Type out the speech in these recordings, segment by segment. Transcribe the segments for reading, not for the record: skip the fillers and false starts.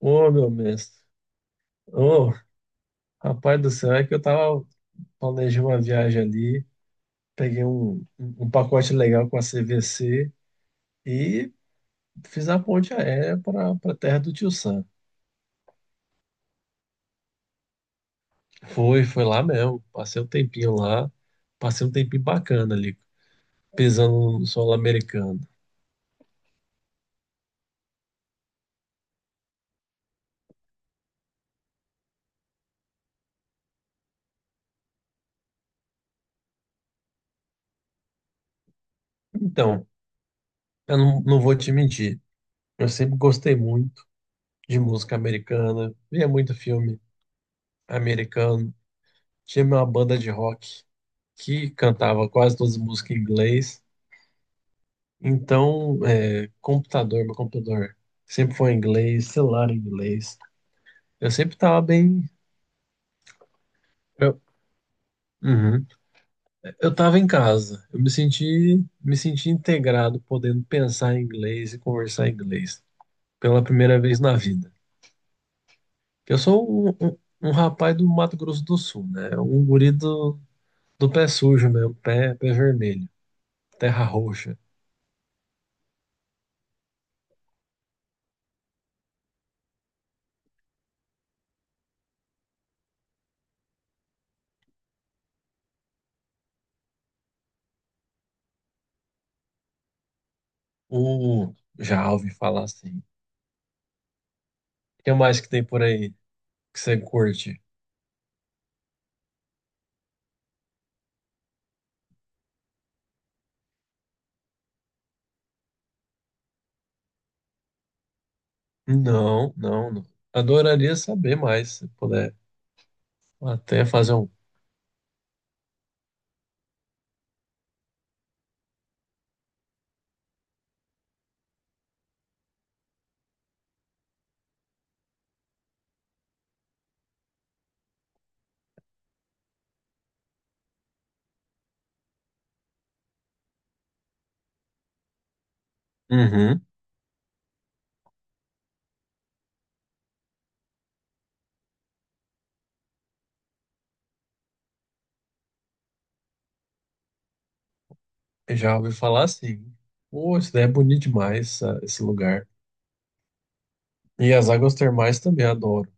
Ô, meu mestre. Ô, rapaz do céu, é que eu tava planejei uma viagem ali, peguei um pacote legal com a CVC e fiz a ponte aérea para terra do Tio Sam. Foi, foi lá mesmo. Passei um tempinho lá, passei um tempinho bacana ali, pisando no solo americano. Então, eu não vou te mentir, eu sempre gostei muito de música americana, via muito filme americano. Tinha uma banda de rock que cantava quase todas as músicas em inglês. Então, é, computador, meu computador sempre foi em inglês, celular em inglês. Eu sempre tava bem. Eu, uhum. Eu tava em casa. Eu me senti integrado, podendo pensar em inglês e conversar em inglês pela primeira vez na vida. Eu sou um rapaz do Mato Grosso do Sul, né? Um guri do pé sujo mesmo, pé vermelho, terra roxa. Uh, Já ouvi falar assim. O que mais que tem por aí que você curte? Não, não, não. Adoraria saber mais, se puder. Até fazer um. Uhum. Já ouvi falar assim. Pô, isso daí é bonito demais, esse lugar. E as águas termais também adoro.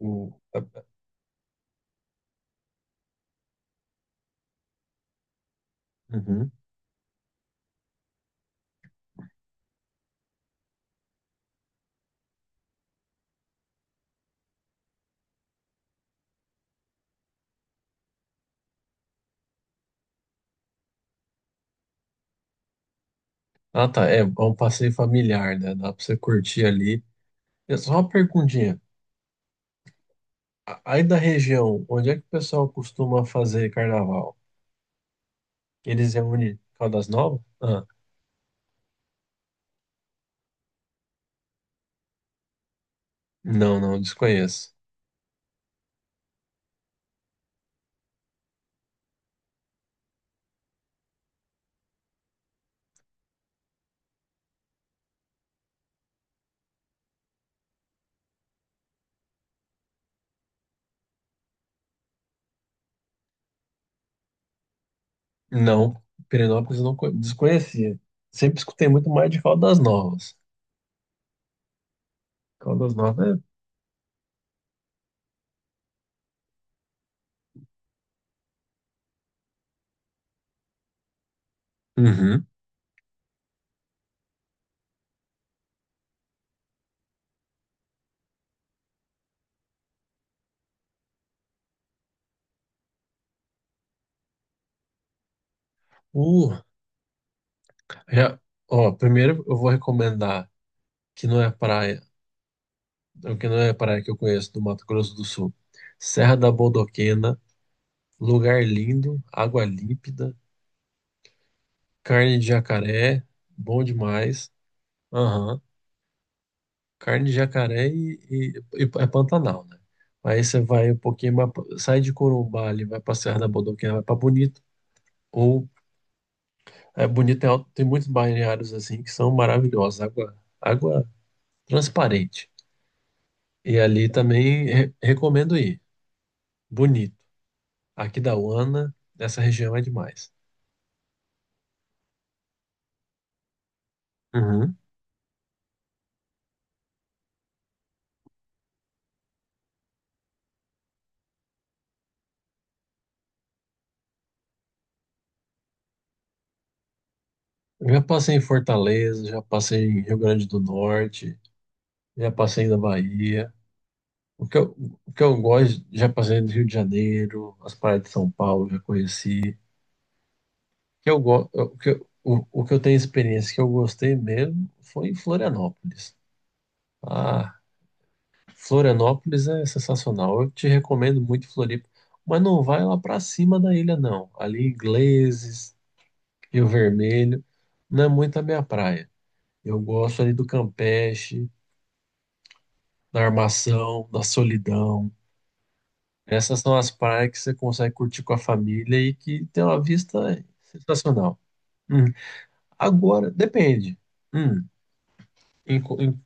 O... a- Uhum. Ah, tá. É, é um passeio familiar, né? Dá pra você curtir ali. É só uma perguntinha. Aí da região, onde é que o pessoal costuma fazer carnaval? Eles reúnem Caldas Novas? Ah, não, não, desconheço. Não, Pirenópolis eu não desconhecia. Sempre escutei muito mais de Caldas Novas. Caldas Novas é. Uhum. Uh, Já, ó, primeiro eu vou recomendar que não é praia, que não é praia que eu conheço do Mato Grosso do Sul. Serra da Bodoquena, lugar lindo, água límpida, carne de jacaré, bom demais. Aham. Carne de jacaré e é Pantanal, né? Aí você vai um pouquinho, mais sai de Corumbá ali, vai pra Serra da Bodoquena, vai pra Bonito. Ou é, Bonito tem, tem muitos balneários assim que são maravilhosos, água transparente. E ali também recomendo ir. Bonito. Aqui da Uana, essa região é demais. Uhum. Eu já passei em Fortaleza, já passei em Rio Grande do Norte, já passei na Bahia. O que eu, o que eu gosto, já passei do Rio de Janeiro, as praias de São Paulo, já conheci. O Que eu, go- o que eu tenho experiência que eu gostei mesmo foi em Florianópolis. Ah, Florianópolis é sensacional. Eu te recomendo muito Floripa, mas não vai lá para cima da ilha, não. Ali, Ingleses, Rio Vermelho, não é muito a minha praia. Eu gosto ali do Campeche, da Armação, da Solidão. Essas são as praias que você consegue curtir com a família e que tem uma vista sensacional. Hum. Agora, depende. Hum. Em co- em-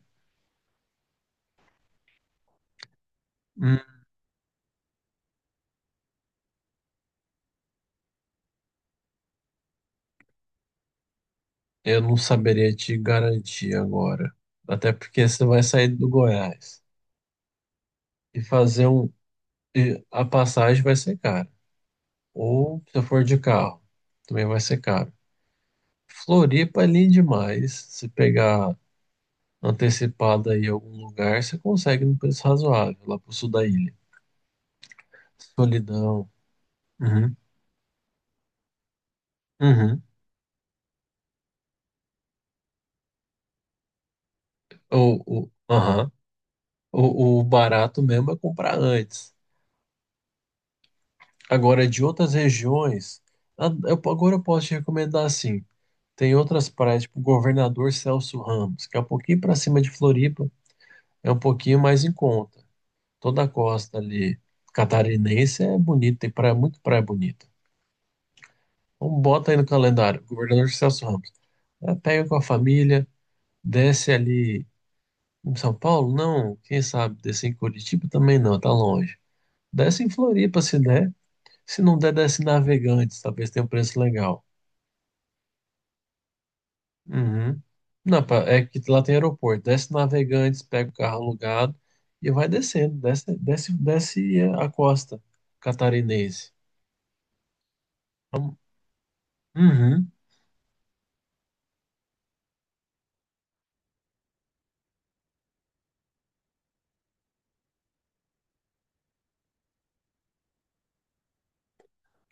hum, Eu não saberia te garantir agora. Até porque você vai sair do Goiás e fazer um. E a passagem vai ser cara. Ou se for de carro, também vai ser caro. Floripa é lindo demais. Se pegar antecipado aí algum lugar, você consegue num preço razoável, lá pro sul da ilha. Solidão. Uhum. Uhum. Aham. O barato mesmo é comprar antes. Agora, de outras regiões, agora eu posso te recomendar assim. Tem outras praias, tipo Governador Celso Ramos, que é um pouquinho para cima de Floripa, é um pouquinho mais em conta. Toda a costa ali catarinense é bonita, tem praia, muito praia bonita. Então bota aí no calendário, Governador Celso Ramos. É, pega com a família, desce ali em São Paulo? Não, quem sabe, descer em Curitiba também não, tá longe. Desce em Floripa se der. Se não der, desce em Navegantes. Talvez tenha um preço legal. Uhum. Não, é que lá tem aeroporto. Desce em Navegantes, pega o carro alugado e vai descendo. Desce, desce, desce a costa catarinense. Então, uhum.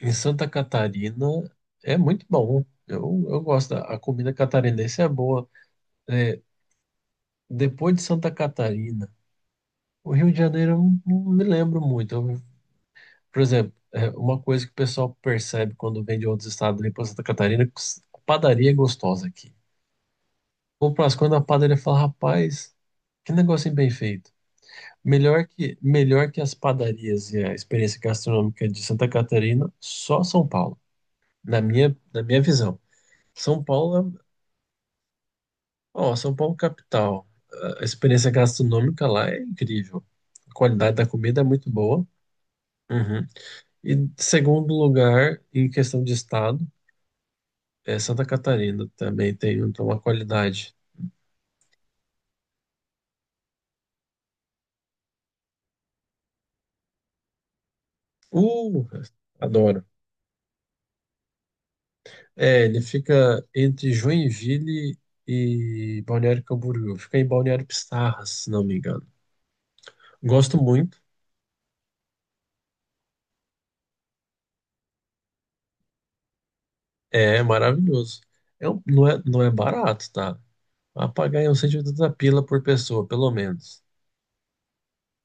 Em Santa Catarina é muito bom. Eu gosto. A comida catarinense é boa. É, depois de Santa Catarina, o Rio de Janeiro eu não me lembro muito. Eu Por exemplo, é, uma coisa que o pessoal percebe quando vem de outros estados ali para Santa Catarina, que a padaria é gostosa aqui. Ou para as quando a padaria fala, rapaz, que negocinho bem feito. Melhor que as padarias e a experiência gastronômica de Santa Catarina, só São Paulo, na minha visão. São Paulo, ó, São Paulo é capital, a experiência gastronômica lá é incrível. A qualidade da comida é muito boa. Uhum. E segundo lugar, em questão de estado, é, Santa Catarina também tem então, uma qualidade. Uh, Adoro. É, ele fica entre Joinville e Balneário Camboriú. Fica em Balneário Pissarras, se não me engano. Gosto muito. É maravilhoso. Não é barato, tá? Vai pagar aí uns 180 pila por pessoa, pelo menos.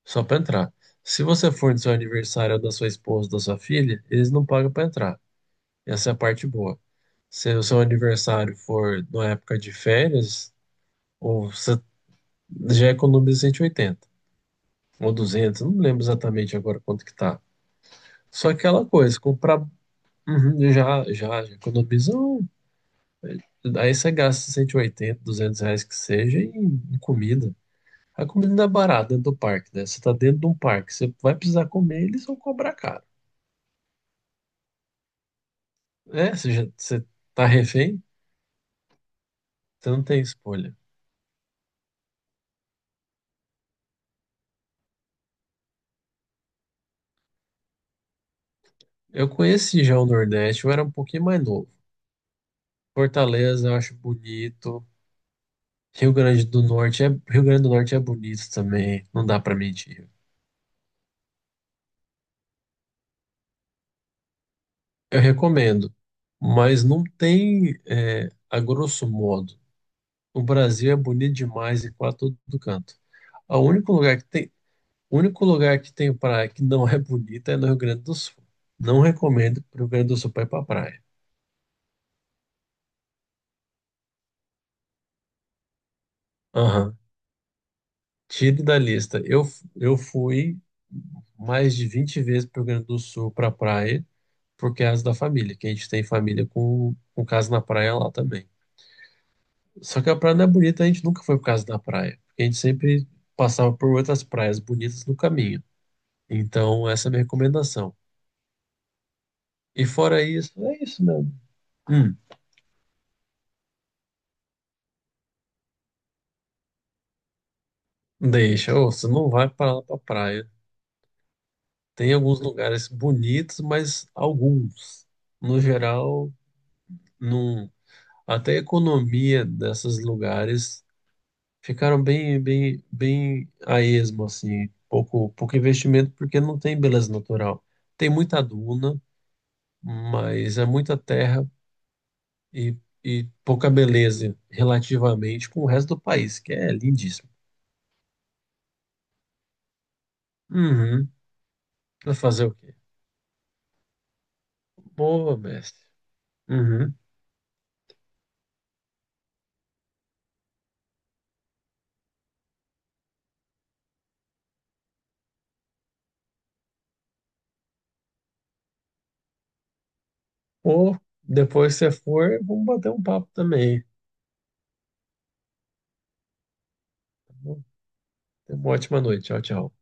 Só pra entrar. Se você for no seu aniversário ou da sua esposa, da sua filha, eles não pagam pra entrar. Essa é a parte boa. Se o seu aniversário for na época de férias, ou você já economiza 180 ou 200, não lembro exatamente agora quanto que tá. Só aquela coisa, comprar uhum, já, já, já economiza. Aí você gasta 180, R$ 200 que seja em, em comida. A comida não é barata dentro do parque, né? Você tá dentro de um parque, você vai precisar comer, eles vão cobrar caro. É, você tá refém, você não tem escolha. Eu conheci já o Nordeste, eu era um pouquinho mais novo. Fortaleza eu acho bonito, Rio Grande do Norte é, Rio Grande do Norte é bonito também, não dá para mentir. Eu recomendo, mas não tem, é, a grosso modo. O Brasil é bonito demais e quase todo canto. O único lugar que tem, o único lugar que tem praia que não é bonita é no Rio Grande do Sul. Não recomendo pro Rio Grande do Sul para ir para praia. Aham. Tire da lista. Eu fui mais de 20 vezes para o Rio Grande do Sul para praia por causa da família, que a gente tem família com casa na praia lá também. Só que a praia não é bonita, a gente nunca foi por causa da praia, porque a gente sempre passava por outras praias bonitas no caminho. Então, essa é a minha recomendação. E fora isso, é isso mesmo. Hum, Deixa, ô, você não vai para lá pra praia. Tem alguns lugares bonitos, mas alguns. No geral, não. Até a economia desses lugares ficaram bem, bem, bem a esmo, assim, pouco, pouco investimento porque não tem beleza natural. Tem muita duna, mas é muita terra e, e pouca beleza relativamente com o resto do país, que é lindíssimo. Uhum. Vai fazer o quê? Boa, mestre. Uhum. Ou depois que você for, vamos bater um papo também. Tenha uma ótima noite. Tchau, tchau.